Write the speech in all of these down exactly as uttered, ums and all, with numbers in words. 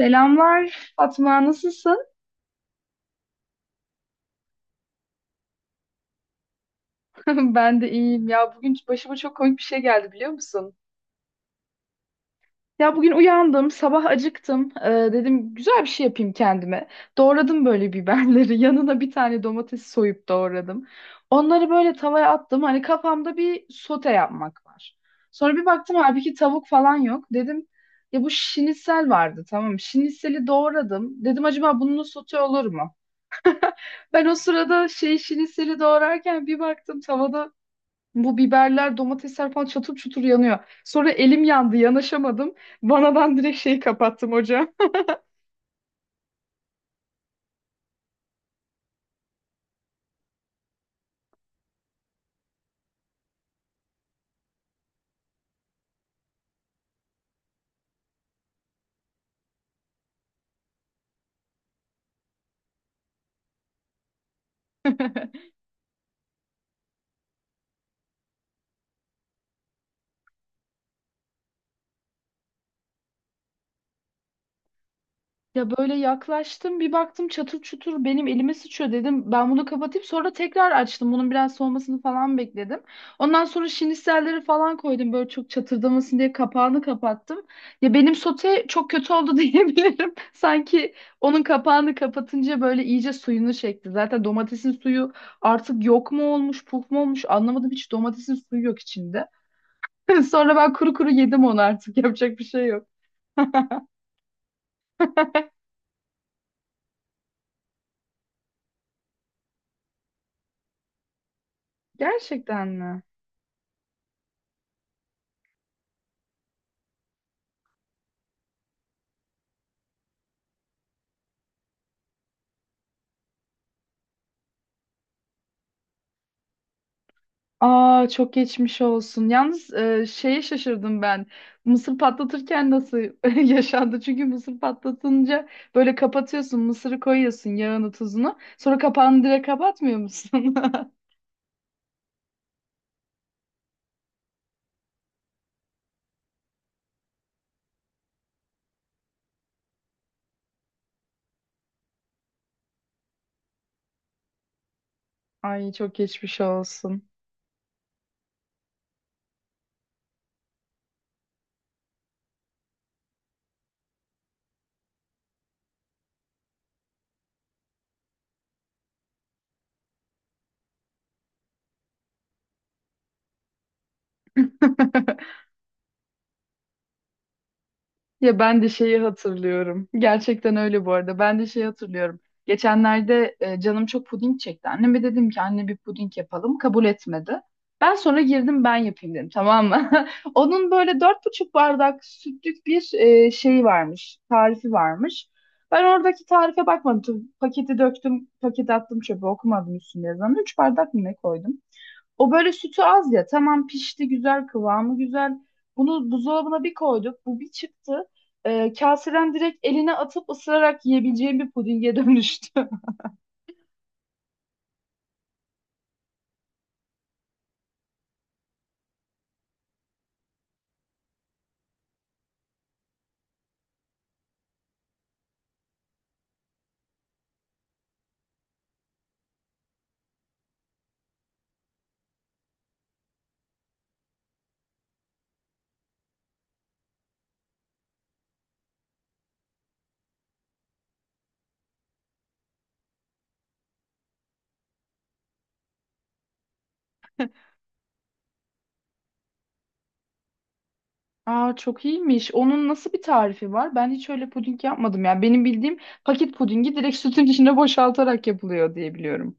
Selamlar Fatma, nasılsın? Ben de iyiyim ya. Bugün başıma çok komik bir şey geldi biliyor musun? Ya bugün uyandım, sabah acıktım. Ee, dedim güzel bir şey yapayım kendime. Doğradım böyle biberleri. Yanına bir tane domates soyup doğradım. Onları böyle tavaya attım. Hani kafamda bir sote yapmak var. Sonra bir baktım halbuki tavuk falan yok. Dedim ya bu şinitsel vardı tamam mı? Şinitseli doğradım. Dedim acaba bunun sote olur mu? Ben o sırada şey şinitseli doğrarken bir baktım tavada bu biberler, domatesler falan çatır çutur yanıyor. Sonra elim yandı, yanaşamadım. Vanadan direkt şeyi kapattım hocam. Ya böyle yaklaştım bir baktım çatır çutur benim elime sıçıyor dedim. Ben bunu kapatayım sonra tekrar açtım. Bunun biraz soğumasını falan bekledim. Ondan sonra şiniselleri falan koydum böyle çok çatırdamasın diye kapağını kapattım. Ya benim sote çok kötü oldu diyebilirim. Sanki onun kapağını kapatınca böyle iyice suyunu çekti. Zaten domatesin suyu artık yok mu olmuş puf mu olmuş anlamadım hiç domatesin suyu yok içinde. Sonra ben kuru kuru yedim onu artık yapacak bir şey yok. Gerçekten mi? Aa çok geçmiş olsun. Yalnız e, şeye şaşırdım ben. Mısır patlatırken nasıl yaşandı? Çünkü mısır patlatınca böyle kapatıyorsun, mısırı koyuyorsun, yağını, tuzunu. Sonra kapağını direkt kapatmıyor musun? Ay çok geçmiş olsun. Ya ben de şeyi hatırlıyorum. Gerçekten öyle bu arada. Ben de şeyi hatırlıyorum. Geçenlerde e, canım çok puding çekti. Anneme dedim ki anne bir puding yapalım. Kabul etmedi. Ben sonra girdim ben yapayım dedim tamam mı? Onun böyle dört buçuk bardak sütlük bir e, şeyi varmış. Tarifi varmış. Ben oradaki tarife bakmadım. Tabii paketi döktüm, paketi attım çöpe okumadım üstünde yazan. Üç bardak mı ne koydum? O böyle sütü az ya. Tamam pişti güzel kıvamı güzel. Bunu buzdolabına bir koyduk. Bu bir çıktı. Ee, kaseden direkt eline atıp ısırarak yiyebileceğim bir pudinge dönüştü. Aa çok iyiymiş. Onun nasıl bir tarifi var? Ben hiç öyle puding yapmadım ya. Benim bildiğim paket pudingi direkt sütün içine boşaltarak yapılıyor diye biliyorum.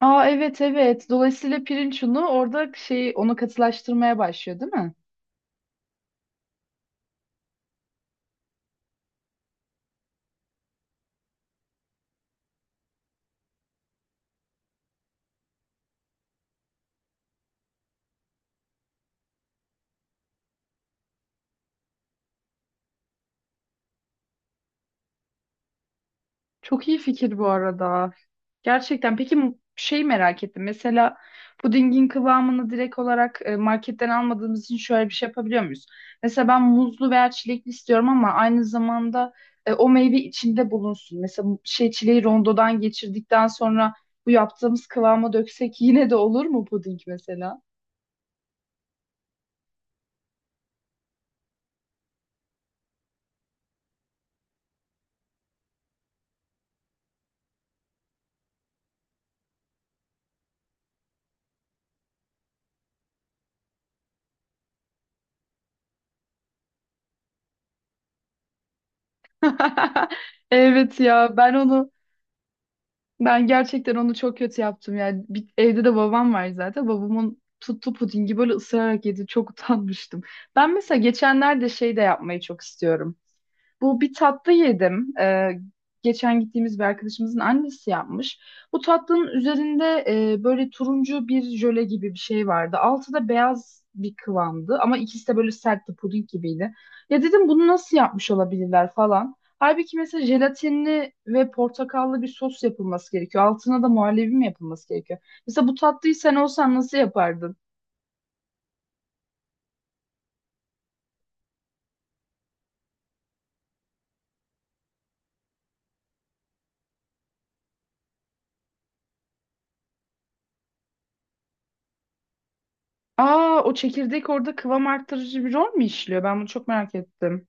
Aa evet evet. Dolayısıyla pirinç unu orada şey onu katılaştırmaya başlıyor, değil mi? Çok iyi fikir bu arada. Gerçekten. Peki şey merak ettim. Mesela pudingin kıvamını direkt olarak e, marketten almadığımız için şöyle bir şey yapabiliyor muyuz? Mesela ben muzlu veya çilekli istiyorum ama aynı zamanda e, o meyve içinde bulunsun. Mesela bu şey çileği rondodan geçirdikten sonra bu yaptığımız kıvama döksek yine de olur mu puding mesela? Evet ya ben onu ben gerçekten onu çok kötü yaptım yani. Bir- evde de babam var zaten. Babamın tuttu pudingi böyle ısırarak yedi. Çok utanmıştım. Ben mesela geçenlerde şey de yapmayı çok istiyorum. Bu bir tatlı yedim. Ee, geçen gittiğimiz bir arkadaşımızın annesi yapmış. Bu tatlının üzerinde e, böyle turuncu bir jöle gibi bir şey vardı. Altı da beyaz bir kıvamdı ama ikisi de böyle sertti puding gibiydi. Ya dedim bunu nasıl yapmış olabilirler falan. Halbuki mesela jelatinli ve portakallı bir sos yapılması gerekiyor. Altına da muhallebi mi yapılması gerekiyor? Mesela bu tatlıyı sen olsan nasıl yapardın? Aa o çekirdek orada kıvam arttırıcı bir rol mü işliyor? Ben bunu çok merak ettim.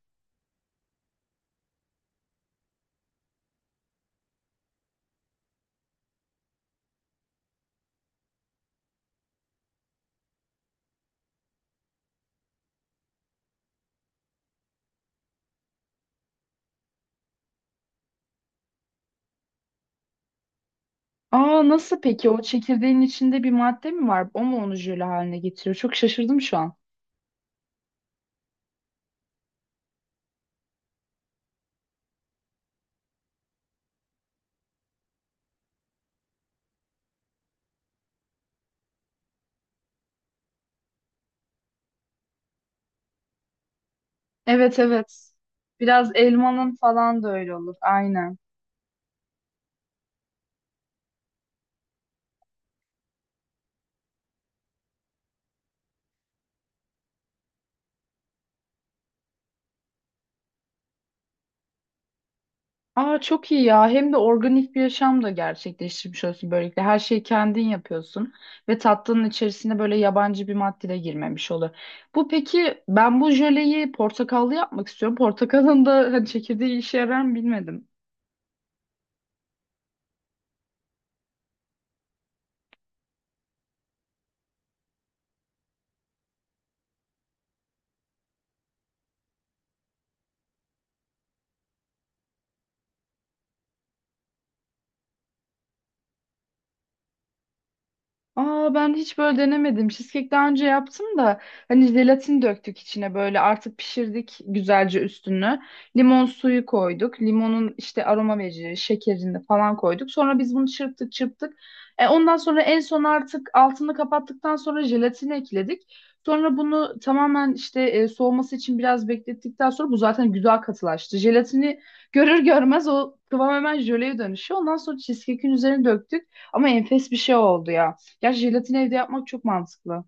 Aa nasıl peki? O çekirdeğin içinde bir madde mi var? O mu onu jöle haline getiriyor? Çok şaşırdım şu an. Evet evet. Biraz elmanın falan da öyle olur. Aynen. Aa çok iyi ya. Hem de organik bir yaşam da gerçekleştirmiş olsun böylelikle. Her şeyi kendin yapıyorsun ve tatlının içerisine böyle yabancı bir madde de girmemiş olur. Bu peki ben bu jöleyi portakallı yapmak istiyorum. Portakalın da hani çekirdeği işe yarar mı bilmedim. Aa ben hiç böyle denemedim. Cheesecake daha önce yaptım da hani jelatin döktük içine böyle artık pişirdik güzelce üstünü. Limon suyu koyduk. Limonun işte aroma verici şekerini falan koyduk. Sonra biz bunu çırptık çırptık. E, ondan sonra en son artık altını kapattıktan sonra jelatini ekledik. Sonra bunu tamamen işte e, soğuması için biraz beklettikten sonra bu zaten güzel katılaştı. Jelatini görür görmez o kıvam hemen jöleye dönüşüyor. Ondan sonra cheesecake'in üzerine döktük ama enfes bir şey oldu ya. Ya jelatini evde yapmak çok mantıklı.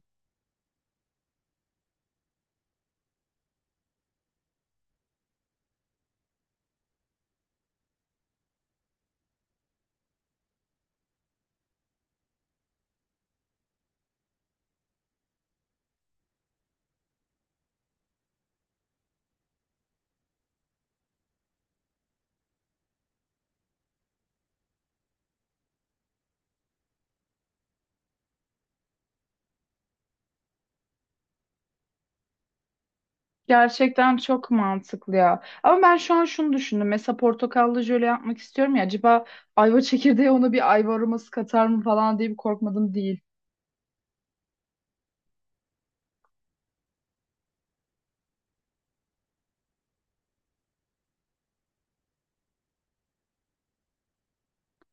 Gerçekten çok mantıklı ya. Ama ben şu an şunu düşündüm. Mesela portakallı jöle yapmak istiyorum ya. Acaba ayva çekirdeği ona bir ayva aroması katar mı falan diye bir korkmadım değil.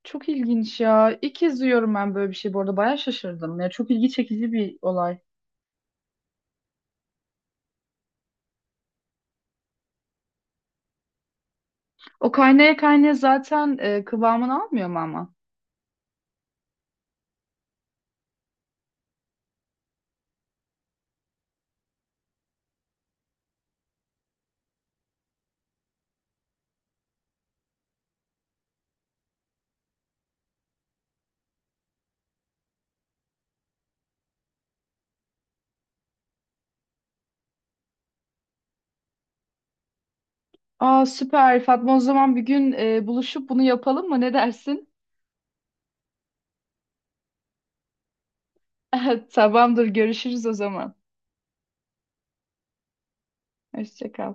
Çok ilginç ya. İlk kez duyuyorum ben böyle bir şey. Bu arada bayağı şaşırdım. Ya çok ilgi çekici bir olay. O kaynaya kaynaya zaten e, kıvamını almıyor mu ama? Aa süper Fatma o zaman bir gün e, buluşup bunu yapalım mı? Ne dersin? Tamamdır görüşürüz o zaman. Hoşça kal.